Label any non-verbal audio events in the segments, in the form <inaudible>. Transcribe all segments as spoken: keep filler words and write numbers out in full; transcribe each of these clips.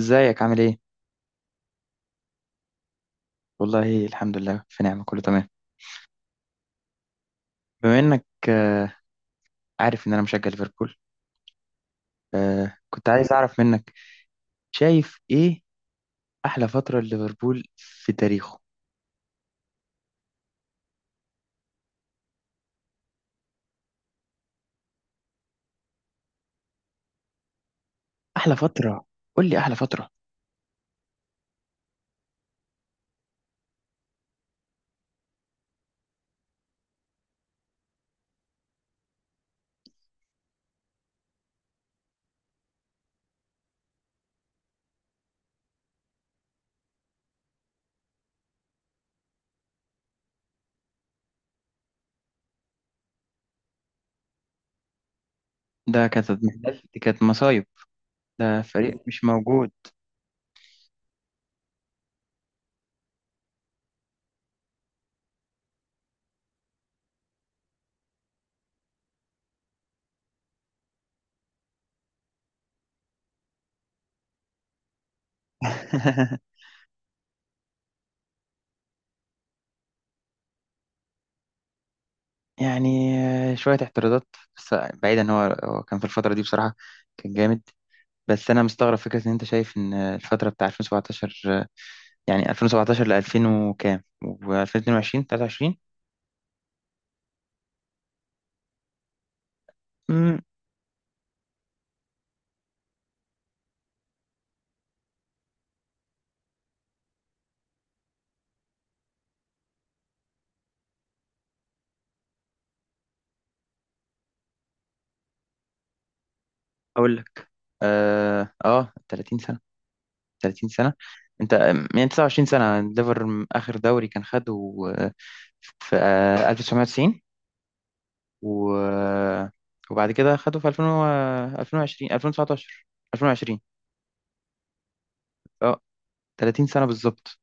ازيك عامل ايه؟ والله الحمد لله، في نعمة كله تمام. بما انك آه، عارف ان انا مشجع ليفربول، آه، كنت عايز اعرف منك، شايف ايه احلى فترة ليفربول في تاريخه؟ احلى فترة، قول لي احلى فترة. ده كانت محلال، دي كانت مصايب. ده فريق مش موجود. <laughs> يعني آه، شوية اعتراضات، بس بعيدا ان هو هو كان في الفترة دي بصراحة، كان جامد. بس انا مستغرب فكرة ان انت شايف ان الفترة بتاع ألفين وسبعتاشر، يعني ألفين وسبعتاشر ل ألفين وكام و2022 تلاتة وعشرين. امم اقول لك. اه آه، تلاتين سنة، تلاتين سنة. انت آم، يعني تسعة وعشرين سنة ليفر، م- اخر دوري كان خده آه، في آه، ألف وتسعمائة وتسعون، و آه، وبعد كده خده في ألفين و- آه، ألفين وعشرين ألفين وتسعة عشر ألفين وعشرين اه تلاتين سنة بالظبط.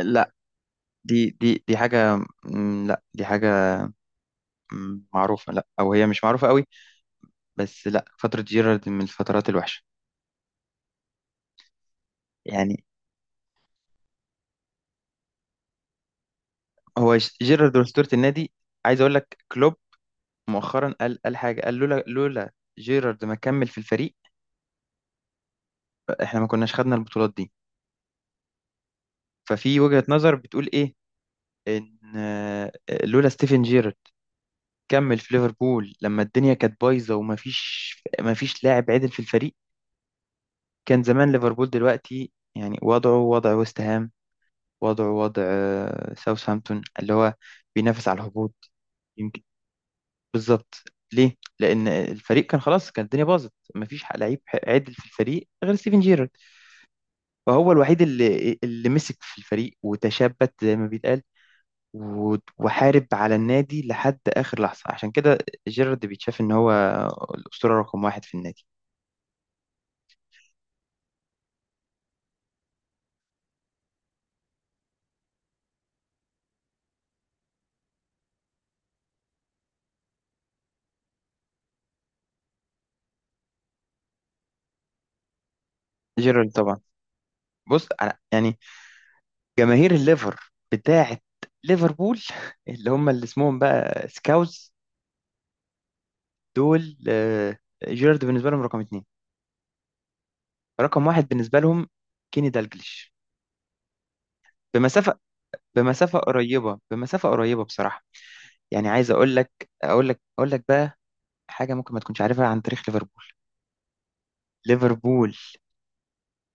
لا، دي دي دي حاجة. مم، لا، دي حاجة مم، معروفة، لا، او هي مش معروفة قوي، بس لا، فترة جيرارد من الفترات الوحشة. يعني هو ش- جيرارد وأسطورة النادي. عايز أقول لك كلوب مؤخرا قال، قال حاجة، قال لولا، لولا جيرارد ما كمل في الفريق، إحنا ما كناش خدنا البطولات دي. ففي وجهة نظر بتقول إيه، إن آه، لولا ستيفن جيرارد كمل في ليفربول لما الدنيا كانت بايظة، وما فيش ما فيش لاعب عدل في الفريق، كان زمان ليفربول دلوقتي يعني وضعه وضع ويست هام، وضعه وضع آه، ساوثهامبتون، اللي هو بينافس على الهبوط. بالظبط. ليه؟ لأن الفريق كان خلاص، كان الدنيا باظت، مفيش حق- لعيب ح- عدل في الفريق غير ستيفن جيرارد. فهو الوحيد اللي اللي مسك في الفريق وتشبت زي ما بيتقال، و- وحارب على النادي لحد آخر لحظة. عشان كده جيرارد بيتشاف إن هو الأسطورة رقم واحد في النادي. جيرارد طبعا. بص، أنا يعني جماهير الليفر بتاعة ليفربول <laughs> اللي هم اللي اسمهم بقى سكاوز، دول آه، جيرارد بالنسبة لهم رقم اتنين. رقم واحد بالنسبة لهم كيني دالجليش، بمسافة، بمسافة قريبة، بمسافة قريبة بصراحة. يعني عايز أقول لك أقول لك أقول لك بقى حاجة ممكن ما تكونش عارفها عن تاريخ ليفربول. ليفربول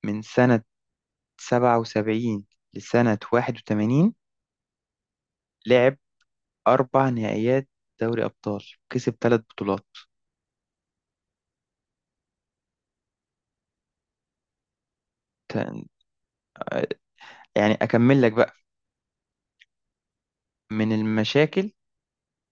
من سنة سبعة وسبعين لسنة واحد وتمانين لعب أربع نهائيات دوري أبطال، كسب ثلاث بطولات. ت- يعني أكمل لك بقى. من المشاكل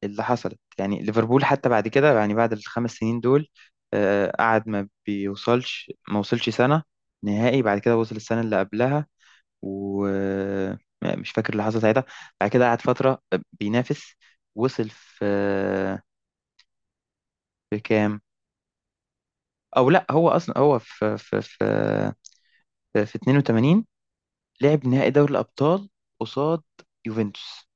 اللي حصلت، يعني ليفربول حتى بعد كده، يعني بعد الخمس سنين دول، آه، قعد ما بيوصلش، ما وصلش سنة نهائي. بعد كده وصل السنة اللي قبلها، ومش فاكر اللي حصل ساعتها. بعد كده قعد فترة بينافس، وصل في في كام، او لا، هو اصلا هو في في في في اتنين وتمانين لعب نهائي دوري الابطال قصاد يوفنتوس.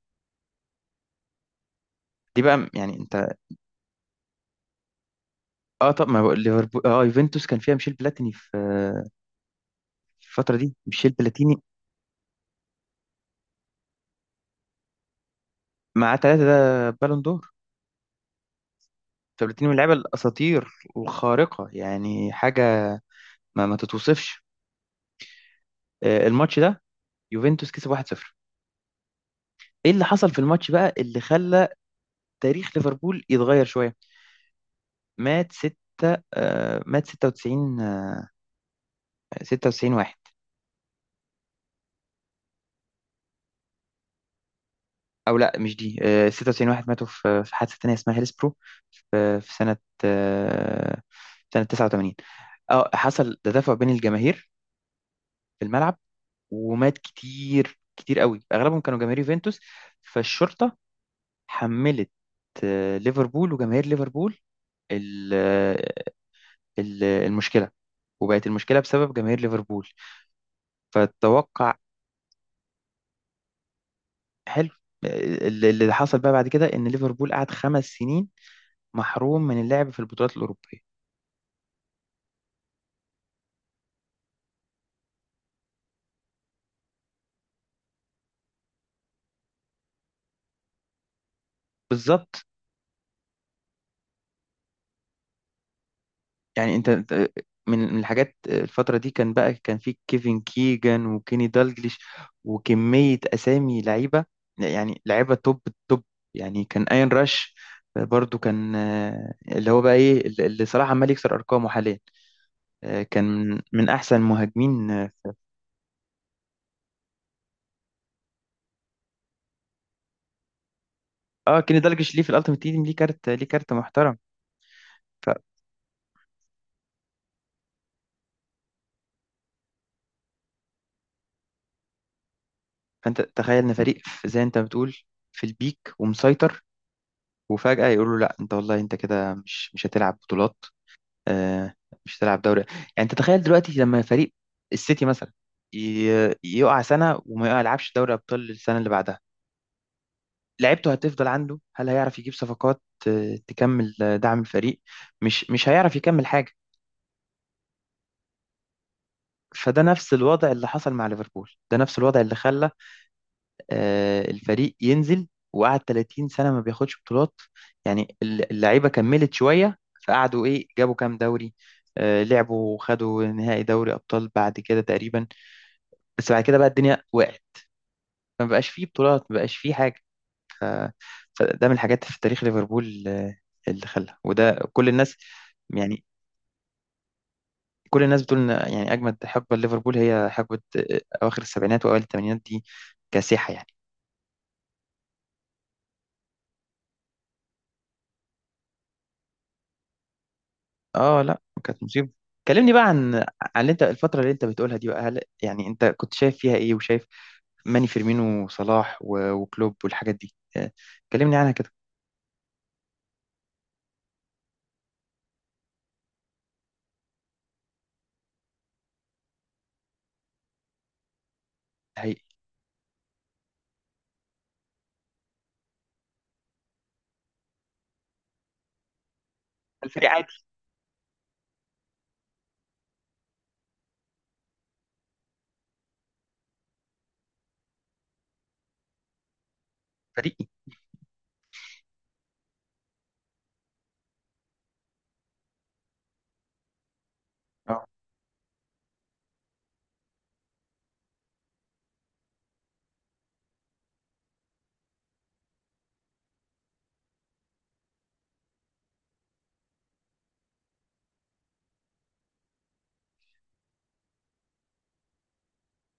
دي بقى يعني انت. اه، طب ما بقول ليفربول، اه، يوفنتوس كان فيها ميشيل بلاتيني في في الفترة دي. ميشيل بلاتيني معاه ثلاثة ده بالون دور. فبلاتيني من اللعيبة الأساطير والخارقة، يعني حاجة ما, ما تتوصفش. آه، الماتش ده يوفنتوس كسب واحد صفر. ايه اللي حصل في الماتش بقى اللي خلى تاريخ ليفربول يتغير شويه؟ مات ستة، آه، مات ستة وتسعين، آه ستة وتسعين واحد. او لا، مش دي، آه ستة وتسعين واحد ماتوا في في حادثه تانيه اسمها هيلسبرو، في في سنه آه سنه تسعة وتمانين. اه، حصل تدافع بين الجماهير في الملعب، ومات كتير كتير قوي، اغلبهم كانوا جماهير يوفنتوس. فالشرطه حملت آه ليفربول وجماهير ليفربول ال- آه، ال- المشكله، وبقت المشكله بسبب جماهير ليفربول. فتوقع. حلو. اللي اللي حصل بقى بعد كده ان ليفربول قعد خمس سنين محروم من اللعب في البطولات الاوروبيه. بالظبط. يعني انت أنت- من من الحاجات الفتره دي، كان بقى كان في كيفن كيجان وكيني دالجليش وكميه اسامي لعيبه. يعني لعيبه توب التوب. يعني كان اين راش، برضو كان آه، اللي هو بقى ايه اللي اللي صلاح عمال يكسر ارقامه حاليا. آه، كان من من احسن مهاجمين. اه، كيني دالجليش ليه في الالتيميت تيم ليه كارت، ليه كارت محترم. فانت تخيل ان فريق في- زي انت بتقول، في البيك ومسيطر، وفجأة يقولوا له لا، انت والله انت كده مش مش هتلعب بطولات، آه، مش هتلعب دوري. يعني انت تخيل دلوقتي لما فريق السيتي مثلا ي- يقع سنة وما يلعبش دوري ابطال السنة اللي بعدها، لعيبته هتفضل عنده؟ هل هيعرف يجيب صفقات، آه، تكمل آه، دعم الفريق؟ مش مش هيعرف يكمل حاجة. فده نفس الوضع اللي حصل مع ليفربول، ده نفس الوضع اللي خلى آه، الفريق ينزل، وقعد تلاتين سنة ما بياخدش بطولات. يعني الل- اللعيبة كملت شوية، فقعدوا، ايه، جابوا كام دوري، آه، لعبوا وخدوا نهائي دوري أبطال بعد كده تقريبا. بس بعد كده بقى الدنيا وقعت، ما بقاش فيه بطولات، ما بقاش فيه حاجة. فده من الحاجات في تاريخ ليفربول آه، اللي خلى وده كل الناس، يعني كل الناس بتقول ان، يعني، اجمد حقبه ليفربول هي حقبه آه، اواخر السبعينات واوائل الثمانينات دي. كاسحه يعني. اه، لا، كانت مصيبة. كلمني بقى عن عن اللي انت، الفترة اللي انت بتقولها دي بقى، هل يعني انت كنت شايف فيها ايه؟ وشايف ماني فيرمينو وصلاح و- وكلوب والحاجات دي، آه، كلمني عنها كده. الحقيقي الفريق عادي. فريقي. اه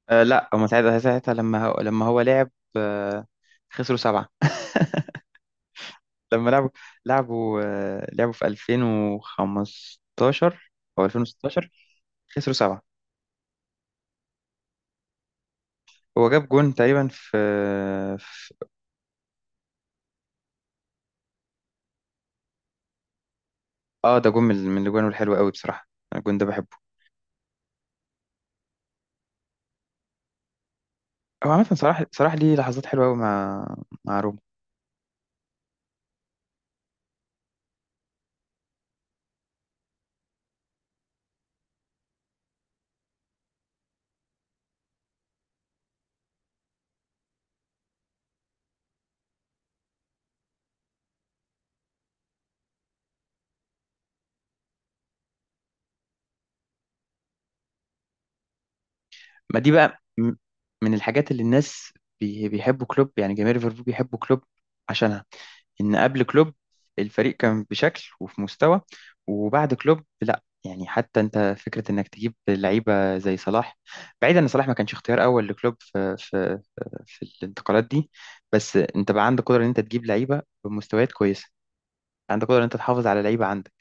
آه، لا، هما ساعتها، ساعتها لما هو، لما هو لعب آه، خسروا سبعة. <laughs> لما لعبوا، لعبوا آه، لعبوا في ألفين وخمستاشر او ألفين وستاشر، خسروا سبعة. هو جاب جون تقريبا في في- اه، ده جون من من الجوان الحلوة قوي بصراحة. الجون ده بحبه. هو عامة صلاح، صلاح ليه لحظات حلوة أوي مع مع روما. ما دي بقى م- من الحاجات اللي الناس بي- بيحبوا كلوب يعني جماهير ليفربول بيحبوا كلوب عشانها، إن قبل كلوب الفريق كان بشكل وفي مستوى، وبعد كلوب لا. يعني حتى أنت فكرة إنك تجيب لعيبة زي صلاح، بعيدا إن صلاح ما كانش اختيار أول لكلوب في في في الانتقالات دي، بس أنت بقى عندك قدرة إن أنت تجيب لعيبة بمستويات كويسة، عندك قدرة إن أنت تحافظ على لعيبة عندك.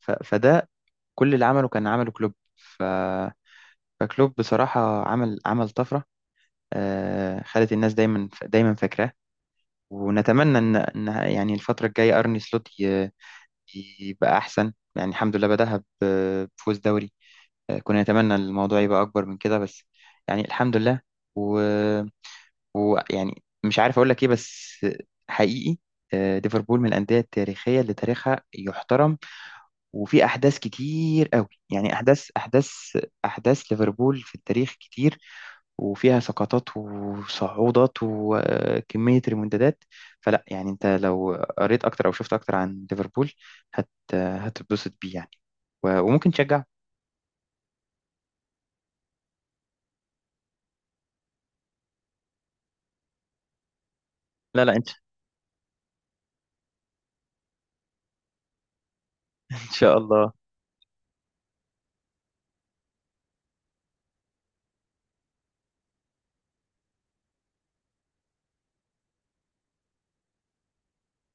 ف- فده كل اللي عمله كان عمله كلوب، ف فكلوب بصراحة عمل عمل طفرة، آه، خلت الناس دايما دايما فاكراه. ونتمنى ان ان يعني الفترة الجاية ارني سلوت ي- يبقى احسن. يعني الحمد لله، بدأها ب- بفوز دوري. آه، كنا نتمنى الموضوع يبقى اكبر من كده، بس يعني الحمد لله، و- ويعني مش عارف اقول لك ايه، بس حقيقي آه، ليفربول من الأندية التاريخية اللي تاريخها يحترم. وفي أحداث كتير قوي، يعني، أحداث أحداث أحداث ليفربول في التاريخ كتير، وفيها سقطات وصعودات وكمية ريمونتادات. فلا، يعني انت لو قريت اكتر او شفت اكتر عن ليفربول هت هتتبسط بيه يعني، و- وممكن تشجع. لا لا انت. <laughs> ان شاء الله،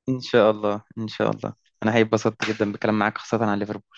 ان شاء الله، ان شاء الله انا هيتبسطت جدا بالكلام معاك خاصة عن ليفربول.